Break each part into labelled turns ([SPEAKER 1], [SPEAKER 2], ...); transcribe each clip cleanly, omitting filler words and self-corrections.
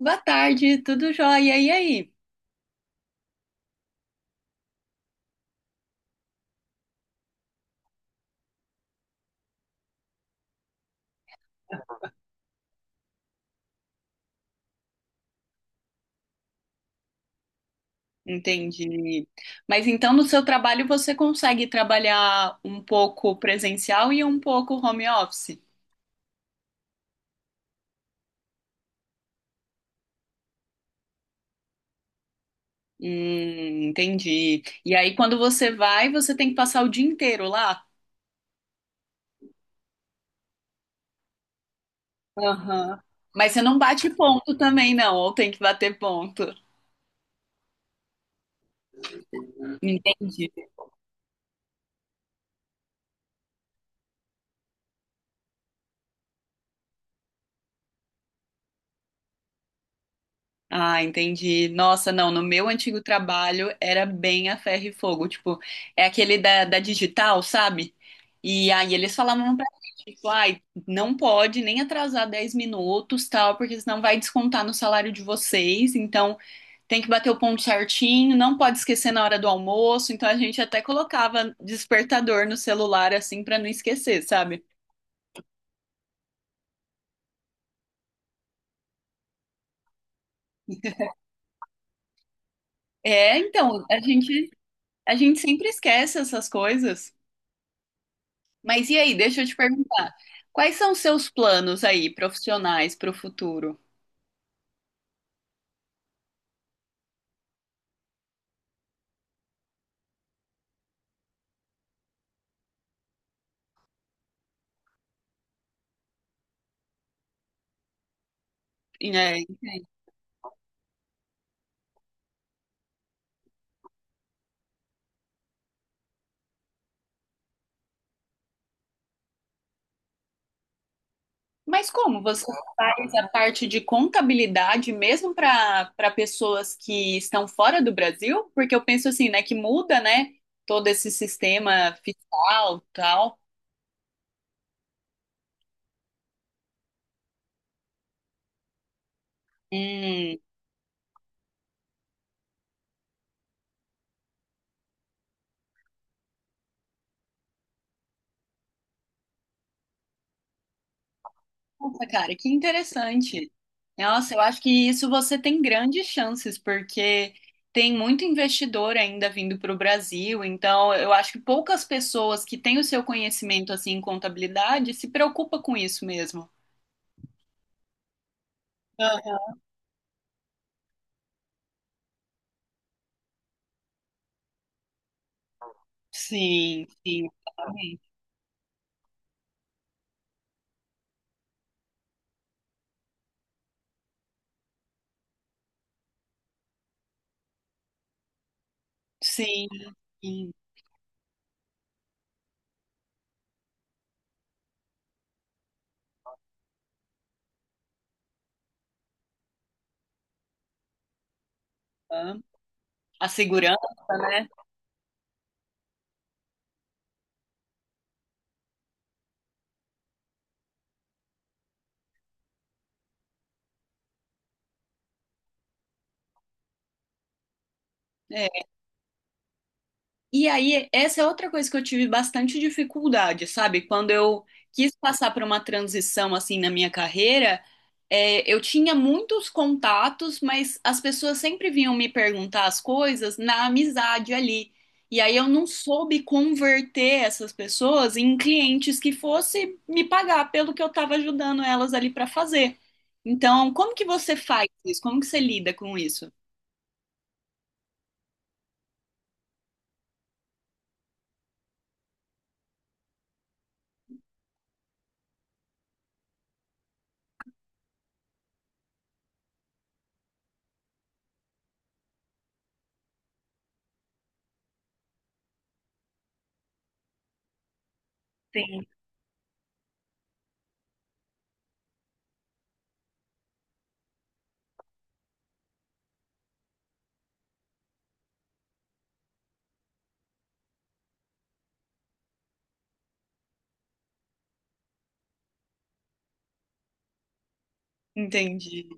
[SPEAKER 1] Boa tarde, tudo jóia? E aí? Entendi. Mas então no seu trabalho você consegue trabalhar um pouco presencial e um pouco home office? Entendi. E aí quando você vai, você tem que passar o dia inteiro lá? Aham. Mas você não bate ponto também, não, ou tem que bater ponto? Entendi. Ah, entendi. Nossa, não, no meu antigo trabalho era bem a ferro e fogo, tipo, é aquele da digital, sabe? E aí eles falavam pra gente, tipo, ai, não pode nem atrasar 10 minutos, tal, porque senão vai descontar no salário de vocês, então tem que bater o ponto certinho, não pode esquecer na hora do almoço, então a gente até colocava despertador no celular, assim, pra não esquecer, sabe? É, então, a gente sempre esquece essas coisas. Mas e aí, deixa eu te perguntar, quais são os seus planos aí, profissionais, para o futuro? E, né. Mas como você faz a parte de contabilidade mesmo para pessoas que estão fora do Brasil? Porque eu penso assim, né, que muda, né, todo esse sistema fiscal, tal. Hum. Nossa, cara, que interessante. Nossa, eu acho que isso você tem grandes chances, porque tem muito investidor ainda vindo para o Brasil, então eu acho que poucas pessoas que têm o seu conhecimento assim em contabilidade se preocupa com isso mesmo. Aham. Sim, sim, exatamente. Sim. Sim. Aham. A segurança, né? E aí, essa é outra coisa que eu tive bastante dificuldade, sabe? Quando eu quis passar por uma transição assim na minha carreira, eu tinha muitos contatos, mas as pessoas sempre vinham me perguntar as coisas na amizade ali. E aí eu não soube converter essas pessoas em clientes que fosse me pagar pelo que eu estava ajudando elas ali para fazer. Então, como que você faz isso? Como que você lida com isso? Sim, entendi.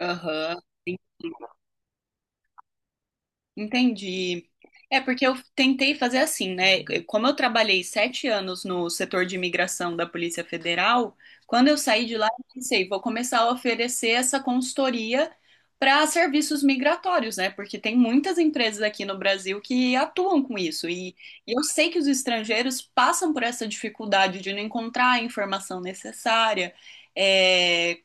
[SPEAKER 1] Aham. Entendi. É porque eu tentei fazer assim, né? Como eu trabalhei 7 anos no setor de imigração da Polícia Federal, quando eu saí de lá, eu pensei, vou começar a oferecer essa consultoria para serviços migratórios, né? Porque tem muitas empresas aqui no Brasil que atuam com isso. E eu sei que os estrangeiros passam por essa dificuldade de não encontrar a informação necessária, eh,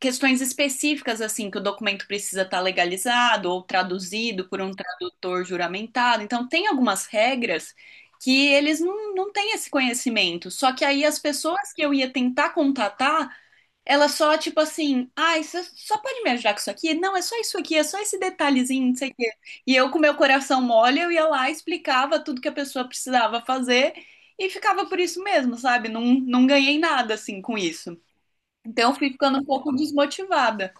[SPEAKER 1] questões específicas, assim, que o documento precisa estar legalizado ou traduzido por um tradutor juramentado. Então, tem algumas regras que eles não, não têm esse conhecimento. Só que aí as pessoas que eu ia tentar contatar, elas só, tipo assim, ai, você só pode me ajudar com isso aqui? Não, é só isso aqui, é só esse detalhezinho, não sei. E eu, com meu coração mole, eu ia lá, explicava tudo que a pessoa precisava fazer e ficava por isso mesmo, sabe? Não, não ganhei nada, assim, com isso. Então, eu fui ficando um pouco desmotivada.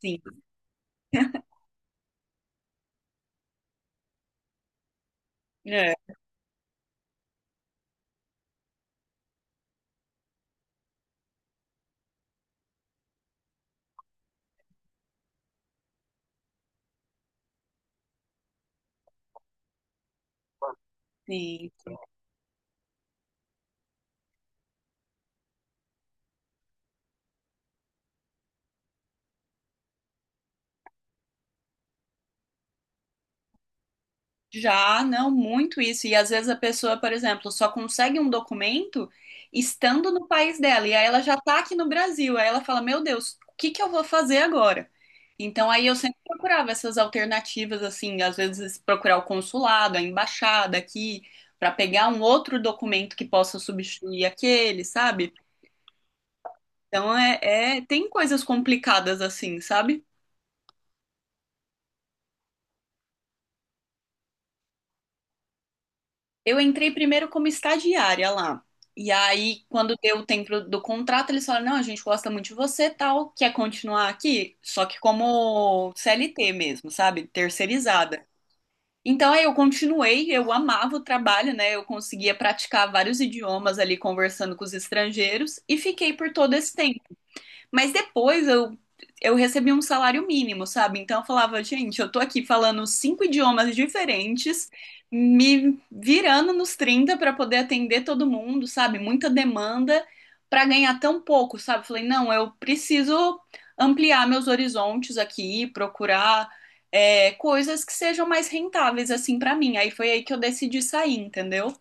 [SPEAKER 1] Sim, é, sim. Já, não, muito isso. E às vezes a pessoa, por exemplo, só consegue um documento estando no país dela. E aí ela já tá aqui no Brasil. Aí ela fala: Meu Deus, o que que eu vou fazer agora? Então aí eu sempre procurava essas alternativas, assim, às vezes procurar o consulado, a embaixada aqui, para pegar um outro documento que possa substituir aquele, sabe? Então é, tem coisas complicadas assim, sabe? Eu entrei primeiro como estagiária lá. E aí, quando deu o tempo do contrato, eles falaram: não, a gente gosta muito de você, tal, quer continuar aqui? Só que como CLT mesmo, sabe? Terceirizada. Então, aí eu continuei, eu amava o trabalho, né? Eu conseguia praticar vários idiomas ali conversando com os estrangeiros e fiquei por todo esse tempo. Mas depois eu recebi um salário mínimo, sabe? Então eu falava, gente, eu tô aqui falando 5 idiomas diferentes, me virando nos 30 para poder atender todo mundo, sabe? Muita demanda para ganhar tão pouco, sabe? Falei, não, eu preciso ampliar meus horizontes aqui, procurar coisas que sejam mais rentáveis assim para mim. Aí foi aí que eu decidi sair, entendeu?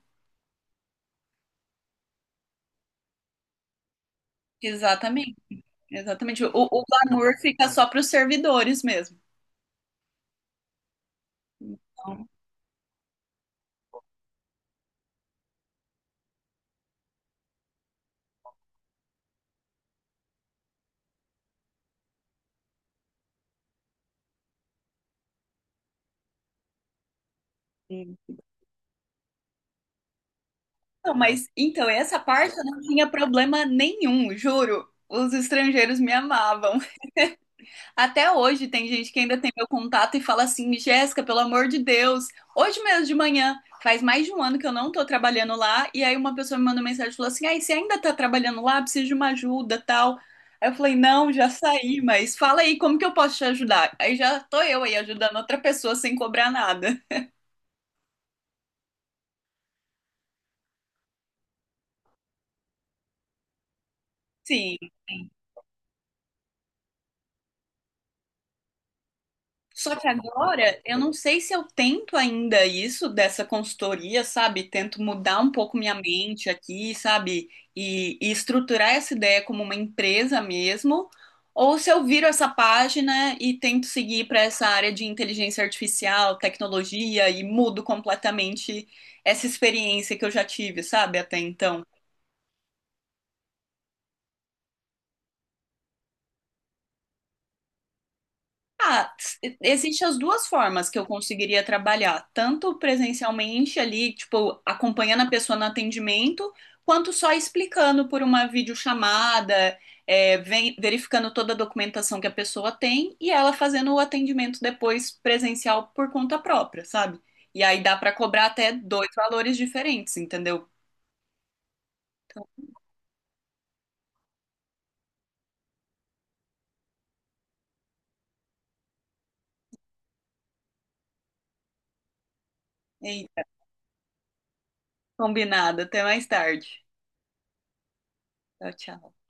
[SPEAKER 1] Exatamente, exatamente. O glamour fica só para os servidores mesmo. Não, mas então, essa parte eu não tinha problema nenhum, juro. Os estrangeiros me amavam. Até hoje tem gente que ainda tem meu contato e fala assim: Jéssica, pelo amor de Deus, hoje mesmo de manhã, faz mais de um ano que eu não tô trabalhando lá. E aí uma pessoa me mandou mensagem e falou assim: Ai, você ainda tá trabalhando lá? Preciso de uma ajuda, tal. Aí eu falei: Não, já saí, mas fala aí, como que eu posso te ajudar? Aí já tô eu aí ajudando outra pessoa sem cobrar nada. Sim. Só que agora, eu não sei se eu tento ainda isso dessa consultoria, sabe? Tento mudar um pouco minha mente aqui, sabe? E estruturar essa ideia como uma empresa mesmo, ou se eu viro essa página e tento seguir para essa área de inteligência artificial, tecnologia e mudo completamente essa experiência que eu já tive, sabe? Até então. Ah, existem as duas formas que eu conseguiria trabalhar, tanto presencialmente ali, tipo, acompanhando a pessoa no atendimento, quanto só explicando por uma videochamada, verificando toda a documentação que a pessoa tem e ela fazendo o atendimento depois presencial por conta própria, sabe? E aí dá pra cobrar até dois valores diferentes, entendeu? Então, eita, combinado, até mais tarde. Tchau, tchau.